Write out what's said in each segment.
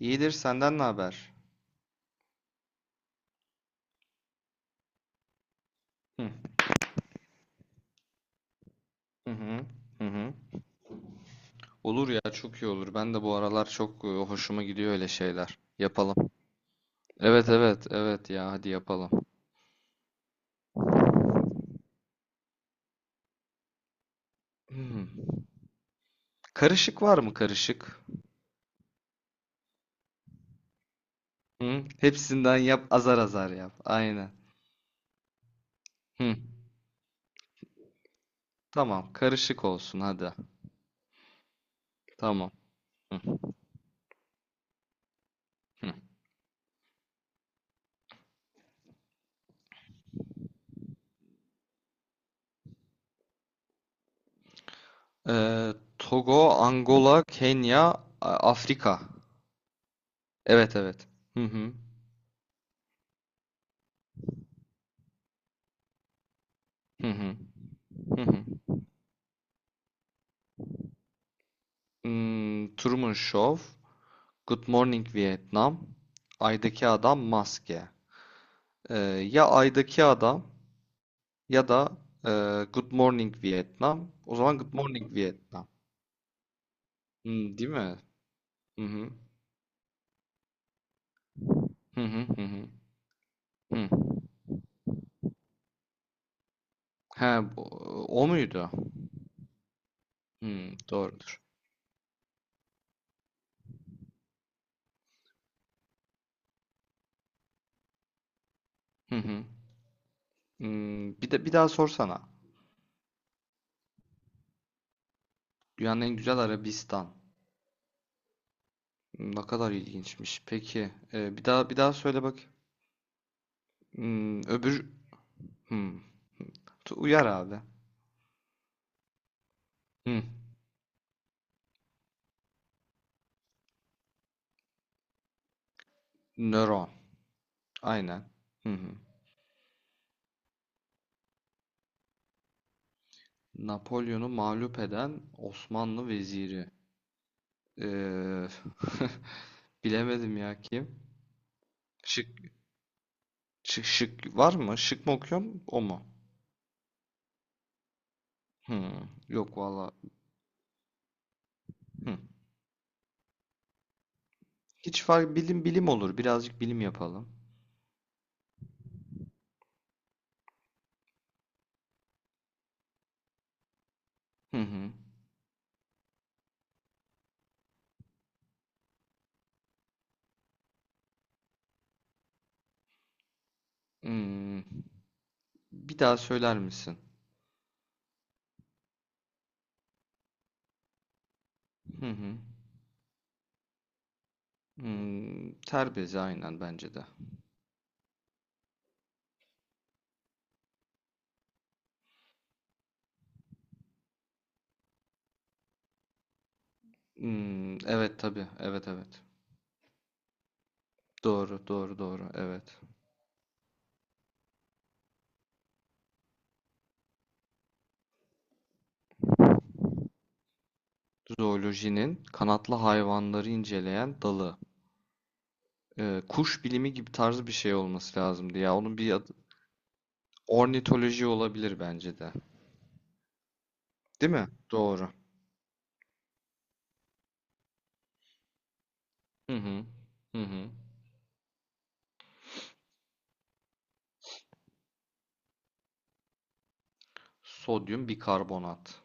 İyidir, senden ne haber? Hı hı hı hı. Hı. Olur ya, çok iyi olur. Ben de bu aralar çok hoşuma gidiyor öyle şeyler. Yapalım. Evet, evet, evet ya, hadi yapalım. Hmm. Karışık var mı, karışık? Hı? Hepsinden yap, azar azar yap. Aynen. Hı. Tamam, karışık olsun hadi. Tamam. Hı. Hı. Ee, Togo, Angola, Kenya, Afrika. Evet, evet. Hı hı. Hı hı. Hı hı. Hmm, Truman Show. Good Morning Vietnam, Ay'daki Adam, Maske. Ee, ya Ay'daki Adam ya da e, Good Morning Vietnam. O zaman Good Morning Vietnam. Hmm, değil mi? Hı hı. Hı hı hı hı. Hı. He, o muydu? Hmm, doğrudur. Hı hı. Hmm, bir de bir daha sorsana. Dünyanın en güzel Arabistan. Hmm, ne kadar ilginçmiş. Peki, bir daha, bir daha söyle bak. Hmm, öbür, hmm. Uyar abi. Hmm. Nöron. Aynen. Hı hı. Napolyon'u mağlup eden Osmanlı veziri. Ee, bilemedim ya kim. Şık, şık, şık var mı? Şık mı okuyorum? O mu? Hı, yok valla. Hı. Hiç fark bilim olur. Birazcık bilim yapalım. Hı hı. Hmm, bir daha söyler misin? Hı hı. Hmm, terbezi aynen, bence de. Hmm, evet tabii. Evet, evet. Doğru, doğru, doğru. Evet. Zoolojinin kanatlı hayvanları inceleyen dalı. Kuş bilimi gibi tarzı bir şey olması lazımdı ya. Onun bir adı ornitoloji olabilir, bence de. Değil mi? Doğru. Hı hı. Hı hı. Sodyum bikarbonat.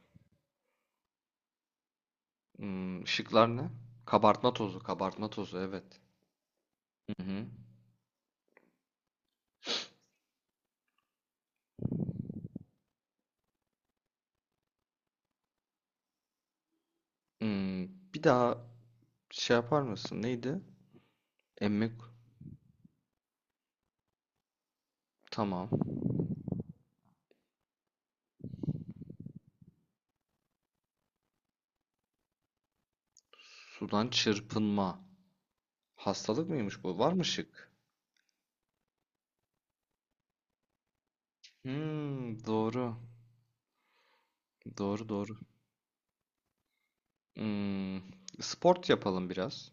Hmm, ışıklar ne? Kabartma tozu, kabartma tozu, evet. Hı hı. Hmm, bir daha yapar mısın? Neydi? Emmek. Tamam. Sudan çırpınma. Hastalık mıymış bu? Var mı şık? Hmm, doğru. Doğru, doğru. Hmm, sport yapalım biraz.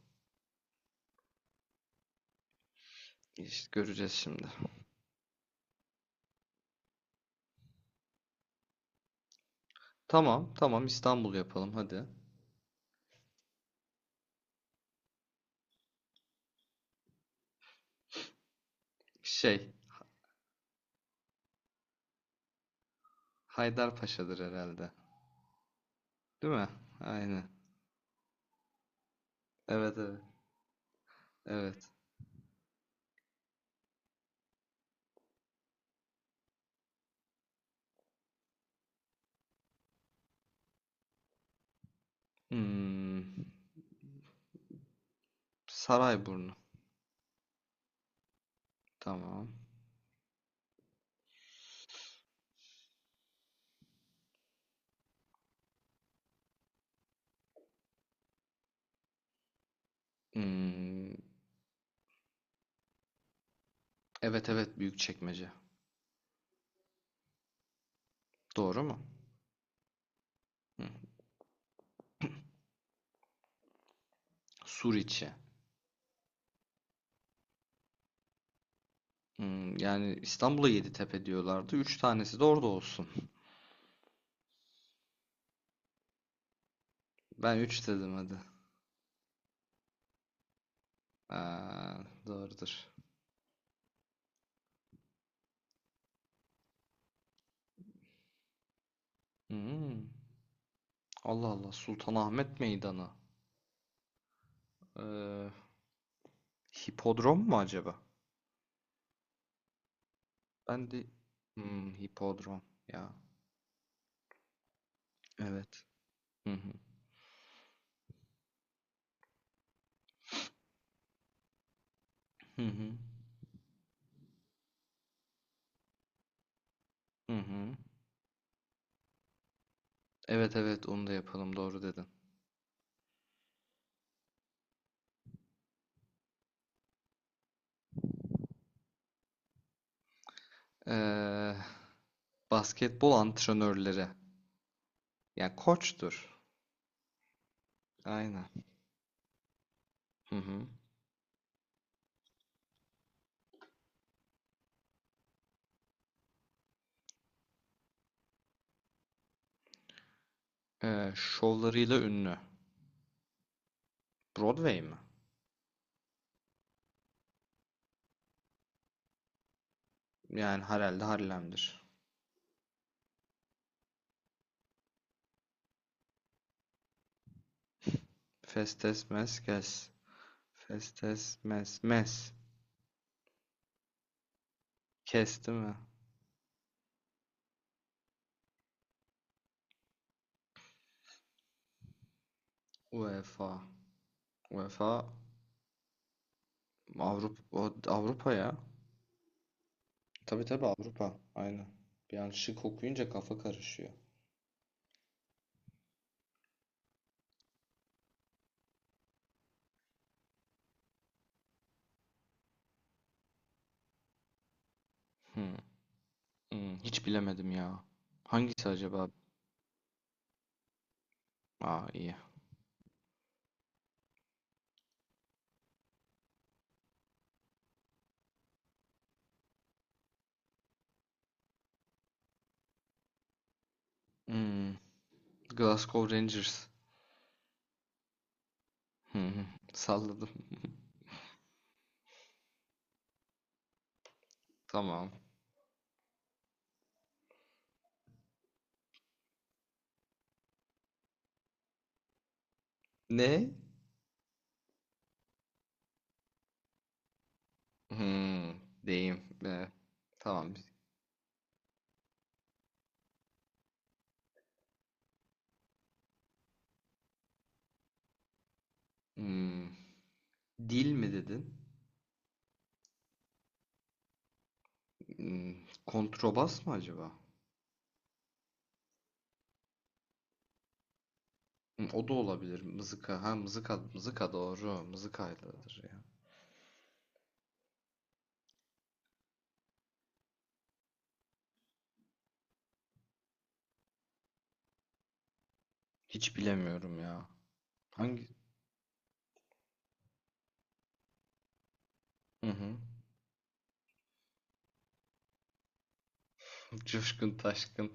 İşte göreceğiz şimdi. Tamam, tamam, İstanbul yapalım hadi. Şey, Haydarpaşa'dır herhalde. Değil mi? Aynen. Evet, evet. Evet. Hmm, Sarayburnu. Tamam. Hmm, evet, evet Büyükçekmece. Doğru mu? Hı. Suriçi. Hmm, yani İstanbul'a Yeditepe diyorlardı. Üç tanesi de orada olsun. Ben üç dedim hadi. Aa, doğrudur. Hmm. Allah Allah, Sultanahmet Meydanı. Ee, hipodrom mu acaba? Ben de hmm, hipodrom ya. Evet. Hı hı. Hı hı. Hı hı. Evet, evet, onu da yapalım, doğru dedin. Ee, basketbol antrenörleri. Yani koçtur. Aynen. Hı hı. Şovlarıyla ünlü. Broadway mi? Yani herhalde Harlem'dir. Festes mes kes. Festes mes mes. Kes değil mi? UEFA. UEFA Avrupa, Avrupa ya. Tabii, tabii Avrupa. Aynen. Bir an şık okuyunca kafa karışıyor. Hmm, hmm, hiç bilemedim ya. Hangisi acaba? Aa, iyi. Hmm, Glasgow Rangers. Hmm, salladım. Tamam. Ne? Hmm, deyim. Be. Tamam. Hmm, dil mi dedin? Hmm, kontrabas mı acaba? Hmm, o da olabilir. Mızıka. Ha, mızıka, mızıka doğru. Mızıkayladır ya. Hiç bilemiyorum ya. Hangi? Hı hı. Coşkun Taşkın.